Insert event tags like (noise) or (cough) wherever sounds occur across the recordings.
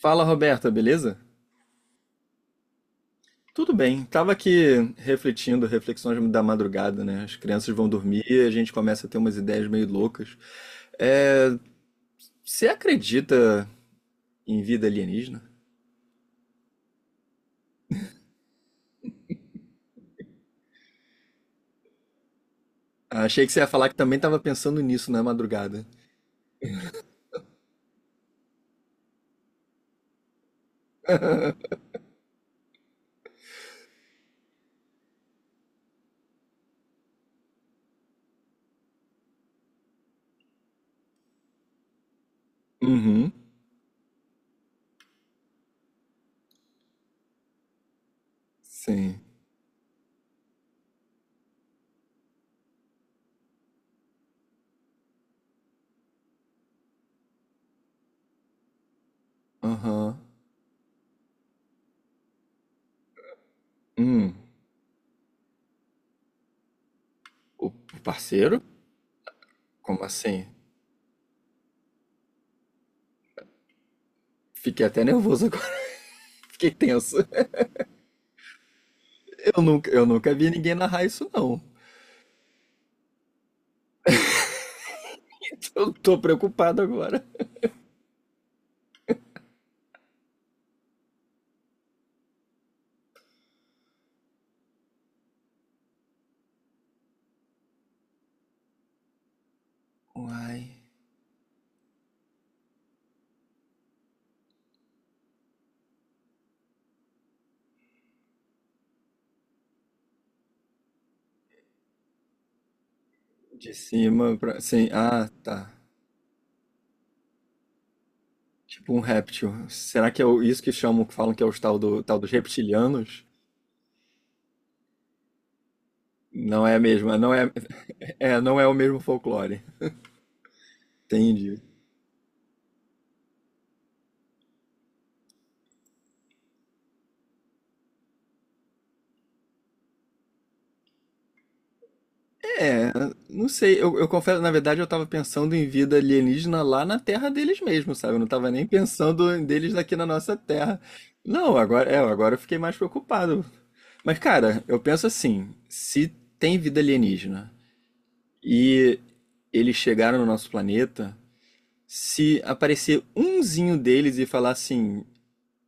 Fala, Roberta, beleza? Tudo bem. Tava aqui refletindo, reflexões da madrugada, né? As crianças vão dormir e a gente começa a ter umas ideias meio loucas. Você acredita em vida alienígena? Achei que você ia falar que também tava pensando nisso na madrugada. Uhum. Sim. Aham. Hum. O parceiro? Como assim? Fiquei até nervoso agora. (laughs) Fiquei tenso. Eu nunca vi ninguém narrar isso, não. Eu tô preocupado agora. Uai. De cima pra. Sim. Ah, tá. Tipo um réptil. Será que é isso que chamam, que falam que é os tal, tal dos reptilianos? Não é mesmo? É, não é, é, não é o mesmo folclore. Entendi. Não sei, eu confesso, na verdade eu tava pensando em vida alienígena lá na terra deles mesmo, sabe? Eu não tava nem pensando em deles aqui na nossa terra. Não, agora, é, agora eu fiquei mais preocupado. Mas, cara, eu penso assim, se tem vida alienígena e eles chegaram no nosso planeta, se aparecer umzinho deles e falar assim,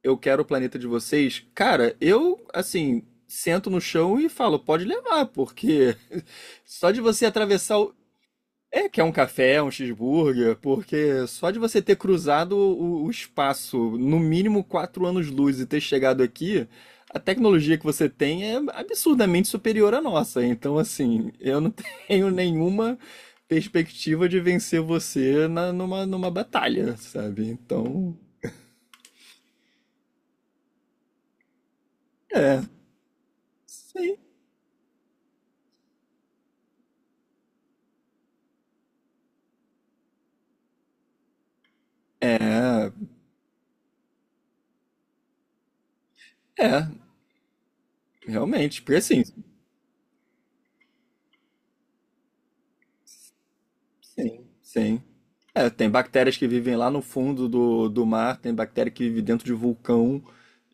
eu quero o planeta de vocês, cara, eu, assim, sento no chão e falo, pode levar, porque (laughs) só de você atravessar o. É, que é um café, é um cheeseburger, porque só de você ter cruzado o espaço, no mínimo 4 anos-luz e ter chegado aqui, a tecnologia que você tem é absurdamente superior à nossa. Então, assim, eu não (laughs) tenho nenhuma perspectiva de vencer você numa batalha, sabe? Então, é. Sim. É, É, realmente, porque assim, sim, sim. É, tem bactérias que vivem lá no fundo do mar, tem bactéria que vive dentro de vulcão.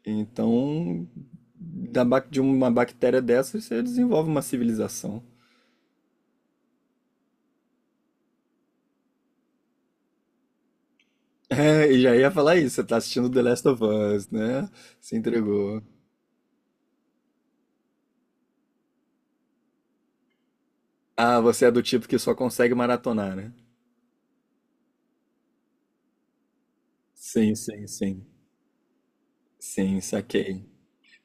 Então, de uma bactéria dessas você desenvolve uma civilização. (laughs) É, e já ia falar isso, você tá assistindo The Last of Us, né? Se entregou. Ah, você é do tipo que só consegue maratonar, né? Sim, sim, sim. Sim, saquei.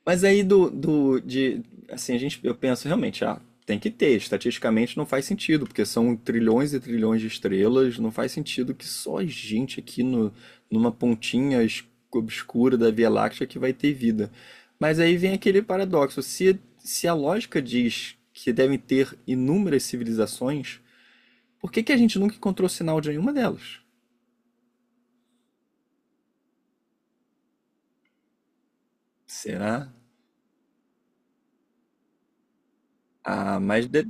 Mas aí do de assim, a gente eu penso realmente, ah, tem que ter, estatisticamente não faz sentido, porque são trilhões e trilhões de estrelas, não faz sentido que só a gente aqui no, numa obscura da Via Láctea que vai ter vida. Mas aí vem aquele paradoxo, se a lógica diz que devem ter inúmeras civilizações, por que que a gente nunca encontrou sinal de nenhuma delas? Será? Ah, mas de...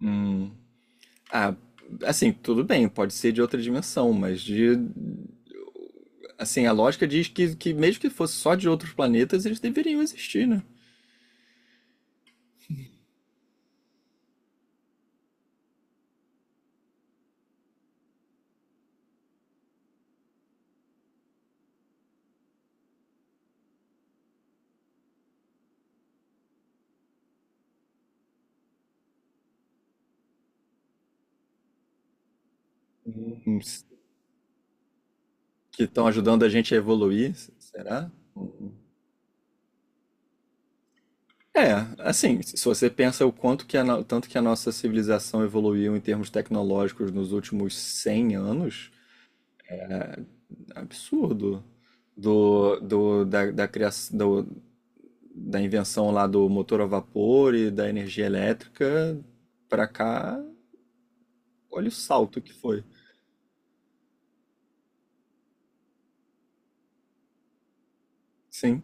Hum. Ah, assim, tudo bem, pode ser de outra dimensão, mas de. Assim, a lógica diz que mesmo que fosse só de outros planetas, eles deveriam existir, né? Uns que estão ajudando a gente a evoluir, será? É, assim, se você pensa o quanto que a, no- tanto que a nossa civilização evoluiu em termos tecnológicos nos últimos 100 anos, absurdo. Da criação, da invenção lá do motor a vapor e da energia elétrica pra cá. Olha o salto que foi. Sim.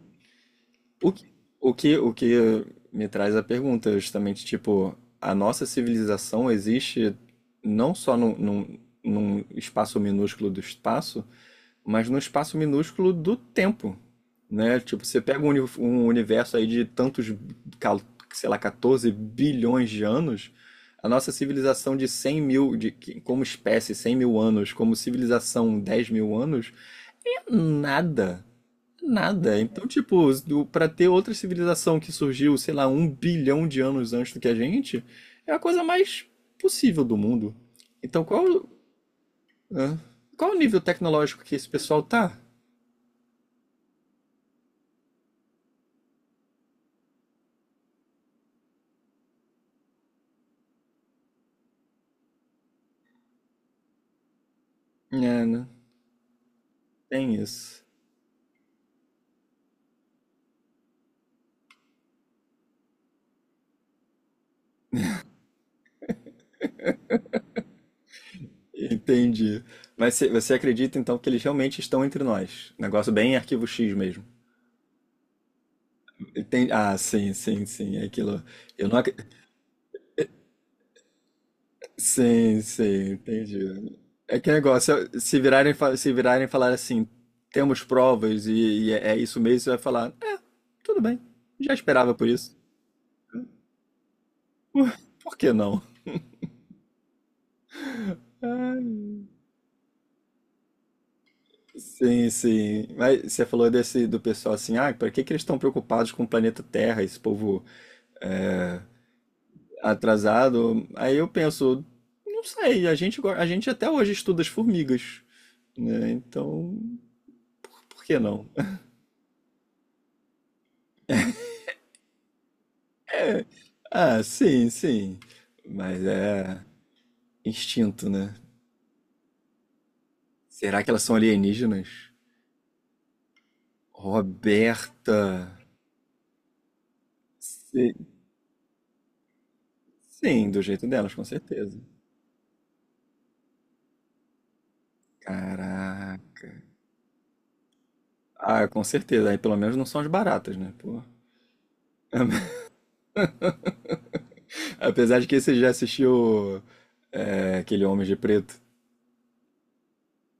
O que, o que me traz a pergunta, justamente, tipo, a nossa civilização existe não só num espaço minúsculo do espaço, mas num espaço minúsculo do tempo, né? Tipo, você pega um universo aí de tantos, cal- sei lá, 14 bilhões de anos, a nossa civilização de 100 mil, de, como espécie, 100 mil anos, como civilização, 10 mil anos, é nada. Nada. Então, tipo, pra ter outra civilização que surgiu, sei lá, 1 bilhão de anos antes do que a gente, é a coisa mais possível do mundo. Então, qual, hã? Qual o nível tecnológico que esse pessoal tá? É, né? Tem isso. Entendi. Mas você acredita, então, que eles realmente estão entre nós? Negócio bem Arquivo X mesmo. Ah, sim, sim, sim. É aquilo. Eu não, ac- Sim, sim, entendi. É que negócio, se virarem, se virarem e falar assim, temos provas e é é isso mesmo, você vai falar, é, tudo bem, já esperava por isso, por que não? Sim, sim. Mas você falou desse do pessoal assim, ah, para que que eles estão preocupados com o planeta Terra, esse povo atrasado? Aí eu penso, não sei, a gente, a gente até hoje estuda as formigas, né? Então, por que não? (laughs) Ah, sim, sim. Mas é. Instinto, né? Será que elas são alienígenas? Roberta. Se- Sim, do jeito delas, com certeza. Caraca. Ah, com certeza. Aí pelo menos não são as baratas, né? Pô. (laughs) Apesar de que você já assistiu é, aquele Homem de Preto.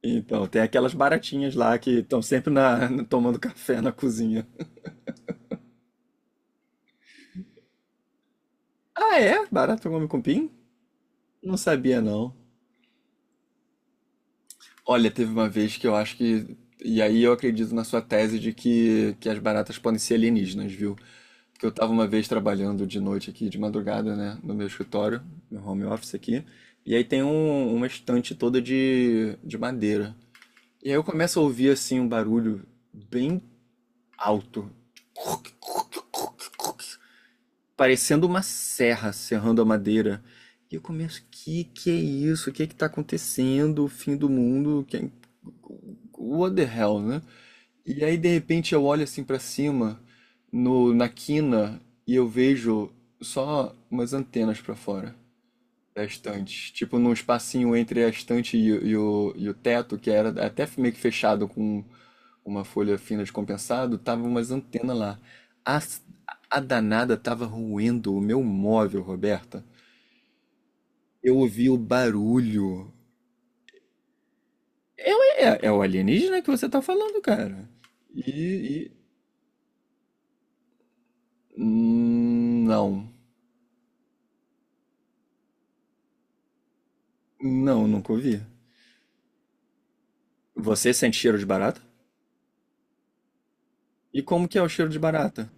Então, tem aquelas baratinhas lá que estão sempre na, (laughs) tomando café na cozinha. Ah, é? Barata come cupim? Não sabia, não. Olha, teve uma vez que eu acho que. E aí eu acredito na sua tese de que as baratas podem ser alienígenas, viu? Porque eu tava uma vez trabalhando de noite aqui, de madrugada, né? No meu escritório, meu home office aqui. E aí tem uma estante toda de madeira. E aí eu começo a ouvir assim um barulho bem alto parecendo uma serra serrando a madeira. E eu começo, o que que é isso? O que é que tá acontecendo? O fim do mundo? Que... é, what the hell, né? E aí de repente eu olho assim pra cima, no na quina, e eu vejo só umas antenas pra fora da estante, tipo num espacinho entre a estante e o teto, que era até meio que fechado com uma folha fina de compensado, tava umas antenas lá. A, a danada tava roendo o meu móvel, Roberta. Eu ouvi o barulho. É o alienígena que você tá falando, cara. E, e- Não. Não, nunca ouvi. Você sente cheiro de barata? E como que é o cheiro de barata?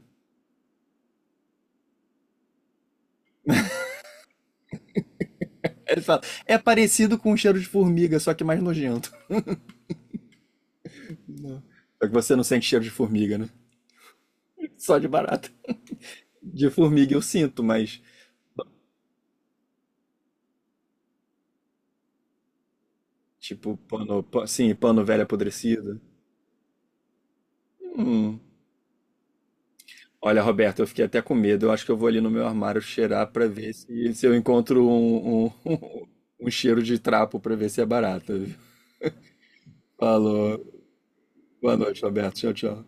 Ele fala, é parecido com o cheiro de formiga, só que mais nojento. Só que você não sente cheiro de formiga, né? Só de barata. De formiga eu sinto, mas tipo, sim, pano velho apodrecido. Hum. Olha, Roberto, eu fiquei até com medo. Eu acho que eu vou ali no meu armário cheirar pra ver se, se eu encontro um, (laughs) um cheiro de trapo pra ver se é barato, viu? Falou. Boa noite, Roberto. Tchau, tchau.